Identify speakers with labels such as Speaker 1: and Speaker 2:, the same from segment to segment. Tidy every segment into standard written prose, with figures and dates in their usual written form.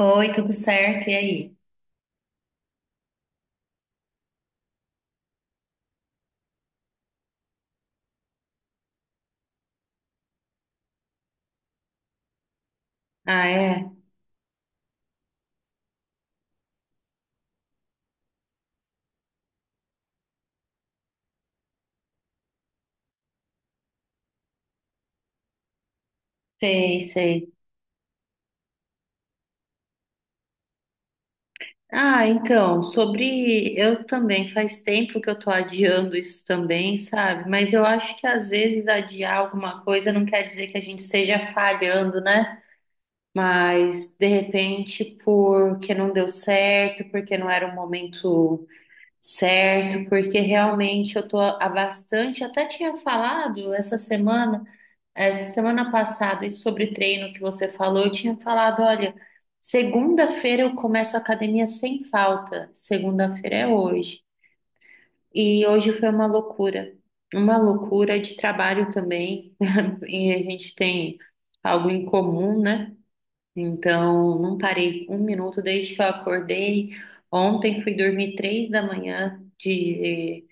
Speaker 1: Oi, tudo certo? E aí? Ah, é? Sei, sei. Ah, então, sobre. Eu também, faz tempo que eu tô adiando isso também, sabe? Mas eu acho que às vezes adiar alguma coisa não quer dizer que a gente esteja falhando, né? Mas de repente, porque não deu certo, porque não era o momento certo, porque realmente eu tô há bastante. Até tinha falado essa semana. É, semana passada, e sobre treino que você falou, eu tinha falado, olha, segunda-feira eu começo a academia sem falta. Segunda-feira é hoje. E hoje foi uma loucura. Uma loucura de trabalho também. E a gente tem algo em comum, né? Então, não parei um minuto desde que eu acordei. Ontem fui dormir três da manhã de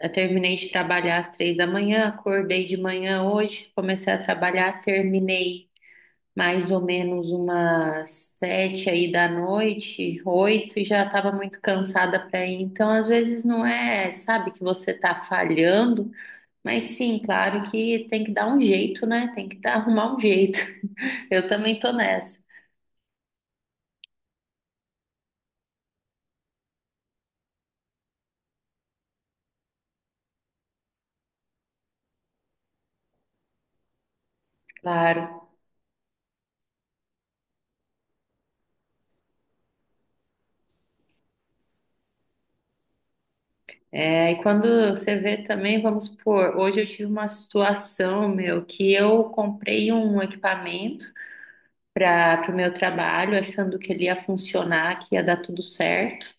Speaker 1: eu terminei de trabalhar às três da manhã, acordei de manhã hoje, comecei a trabalhar, terminei mais ou menos umas sete aí da noite, oito, e já estava muito cansada para ir. Então, às vezes não é, sabe, que você está falhando, mas sim, claro que tem que dar um jeito, né? Tem que dar, arrumar um jeito. Eu também tô nessa. Claro. É, e quando você vê também, vamos supor, hoje eu tive uma situação, meu, que eu comprei um equipamento para o meu trabalho, achando que ele ia funcionar, que ia dar tudo certo.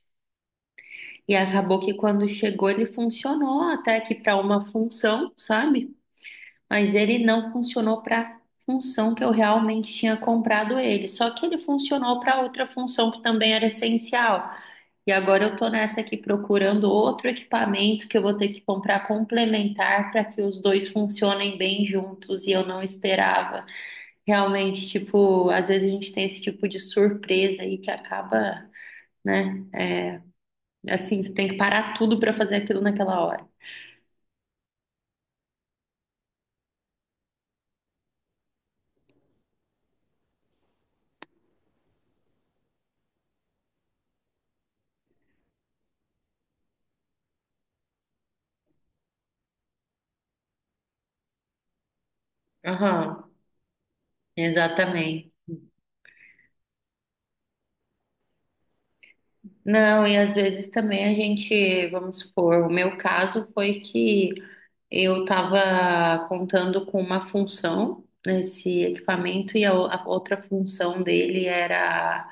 Speaker 1: E acabou que quando chegou ele funcionou até que para uma função, sabe? Mas ele não funcionou para função que eu realmente tinha comprado ele. Só que ele funcionou para outra função que também era essencial. E agora eu tô nessa aqui procurando outro equipamento que eu vou ter que comprar complementar para que os dois funcionem bem juntos e eu não esperava. Realmente, tipo, às vezes a gente tem esse tipo de surpresa aí que acaba, né? Assim, você tem que parar tudo para fazer aquilo naquela hora. Aham, exatamente. Não, e às vezes também a gente, vamos supor, o meu caso foi que eu estava contando com uma função nesse equipamento e a outra função dele era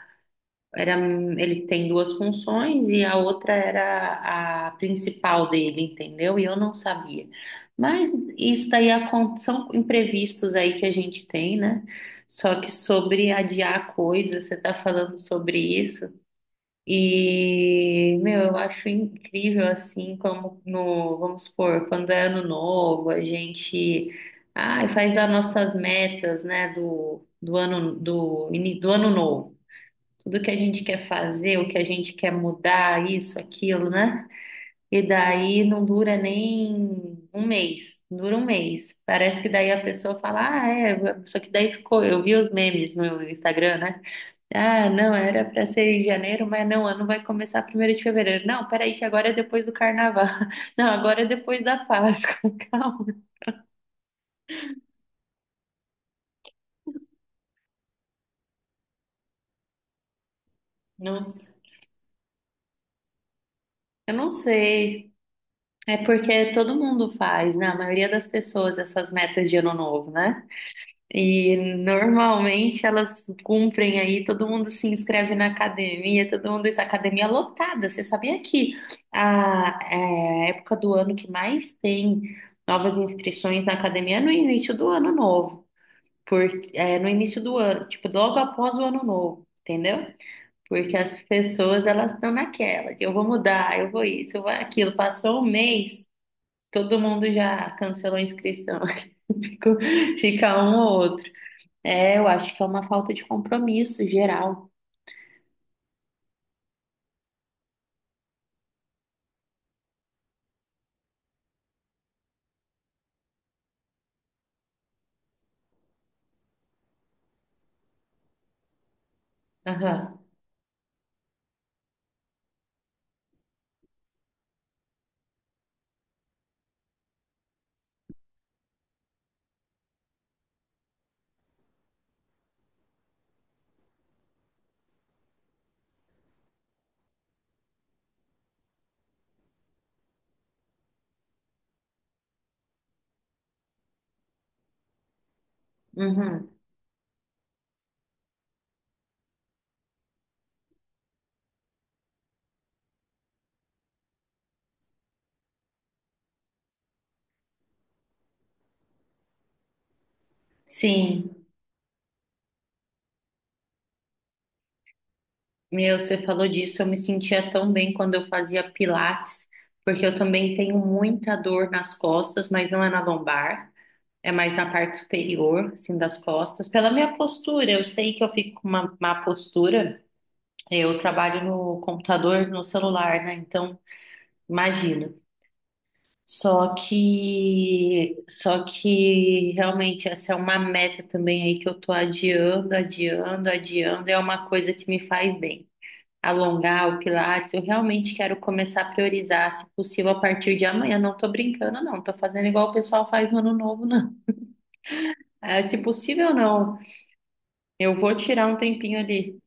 Speaker 1: Era, ele tem duas funções e a outra era a principal dele, entendeu? E eu não sabia. Mas isso daí são imprevistos aí que a gente tem, né? Só que sobre adiar coisas, você tá falando sobre isso. E, meu, eu acho incrível assim como no, vamos supor, quando é ano novo, a gente ai, faz as nossas metas, né, do ano do ano novo tudo que a gente quer fazer, o que a gente quer mudar, isso, aquilo, né? E daí não dura nem um mês, dura um mês. Parece que daí a pessoa fala, ah, é, só que daí ficou, eu vi os memes no Instagram, né? Ah, não, era para ser em janeiro, mas não, o ano vai começar primeiro de fevereiro. Não, peraí, que agora é depois do carnaval. Não, agora é depois da Páscoa. Calma. Nossa, eu não sei. É porque todo mundo faz, né? A maioria das pessoas, essas metas de ano novo, né? E normalmente elas cumprem aí, todo mundo se inscreve na academia, todo mundo. Isso, academia lotada. Você sabia que a é, época do ano que mais tem novas inscrições na academia é no início do ano novo, porque é no início do ano, tipo, logo após o ano novo, entendeu? Porque as pessoas elas estão naquela de eu vou mudar, eu vou isso, eu vou aquilo. Passou um mês, todo mundo já cancelou a inscrição. Ficou- fica um ou outro. É, eu acho que é uma falta de compromisso geral. Aham. Uhum. Sim. Meu, você falou disso, eu me sentia tão bem quando eu fazia pilates, porque eu também tenho muita dor nas costas, mas não é na lombar, é mais na parte superior, assim, das costas. Pela minha postura, eu sei que eu fico com uma má postura, eu trabalho no computador, no celular, né? Então, imagino. Só que realmente essa é uma meta também aí que eu tô adiando, adiando, adiando. É uma coisa que me faz bem. Alongar o Pilates, eu realmente quero começar a priorizar, se possível, a partir de amanhã. Não tô brincando, não. Tô fazendo igual o pessoal faz no ano novo, não. É, se possível, não. Eu vou tirar um tempinho ali.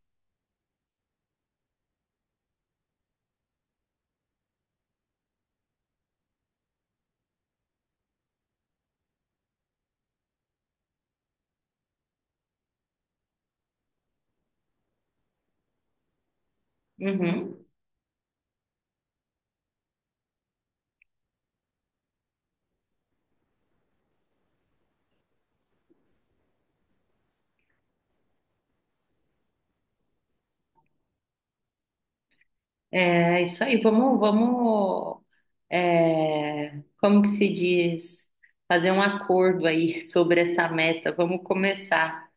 Speaker 1: Uhum. É isso aí. Vamos, vamos. É, como que se diz? Fazer um acordo aí sobre essa meta. Vamos começar.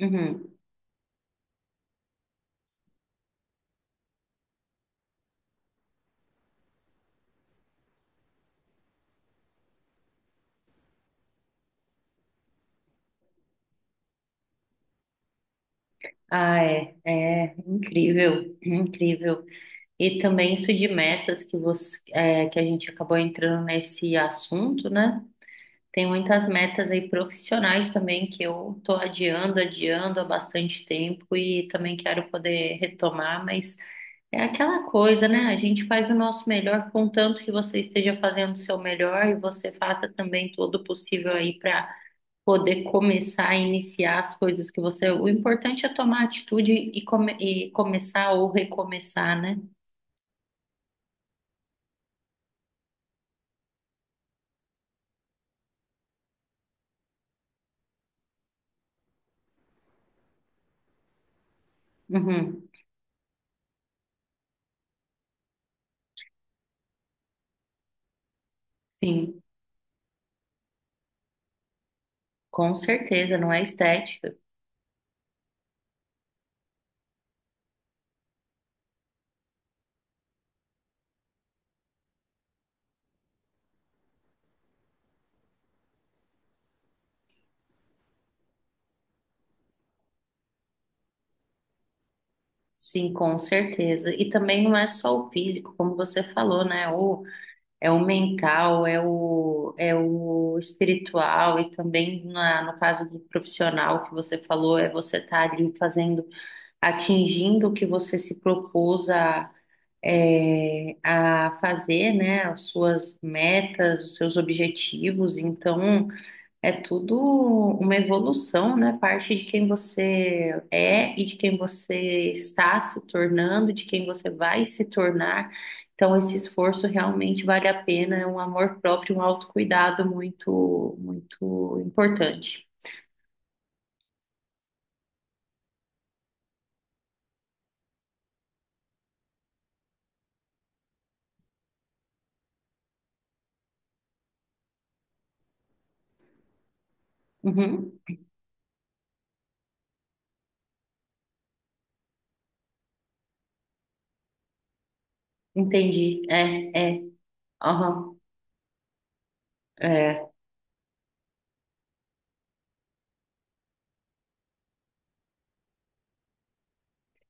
Speaker 1: Uhum. Ah, é, é incrível, incrível. E também isso de metas que você, é, que a gente acabou entrando nesse assunto, né? Tem muitas metas aí profissionais também que eu tô adiando, adiando há bastante tempo e também quero poder retomar, mas É aquela coisa, né? A gente faz o nosso melhor, contanto que você esteja fazendo o seu melhor e você faça também todo o possível aí para poder começar a iniciar as coisas que você. O importante é tomar atitude e, e começar ou recomeçar, né? Uhum. Sim, com certeza, não é estética. Sim, com certeza. E também não é só o físico, como você falou, né? O É o mental, é o espiritual e também no caso do profissional que você falou, é você estar ali fazendo, atingindo o que você se propôs a, é, a fazer, né? As suas metas, os seus objetivos. Então, é tudo uma evolução, né? Parte de quem você é e de quem você está se tornando, de quem você vai se tornar. Então, esse esforço realmente vale a pena. É um amor próprio, um autocuidado muito, muito importante. Uhum, entendi. É, é. Aham, é,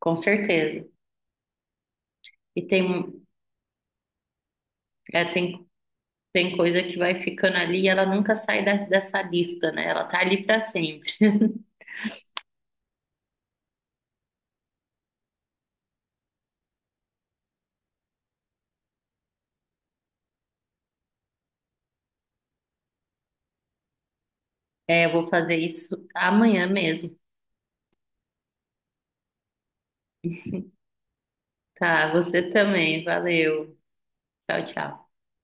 Speaker 1: com certeza. E tem, é, tem, tem coisa que vai ficando ali e ela nunca dessa lista, né? Ela tá ali para sempre. É, eu vou fazer isso amanhã mesmo. Tá, você também. Valeu. Tchau, tchau.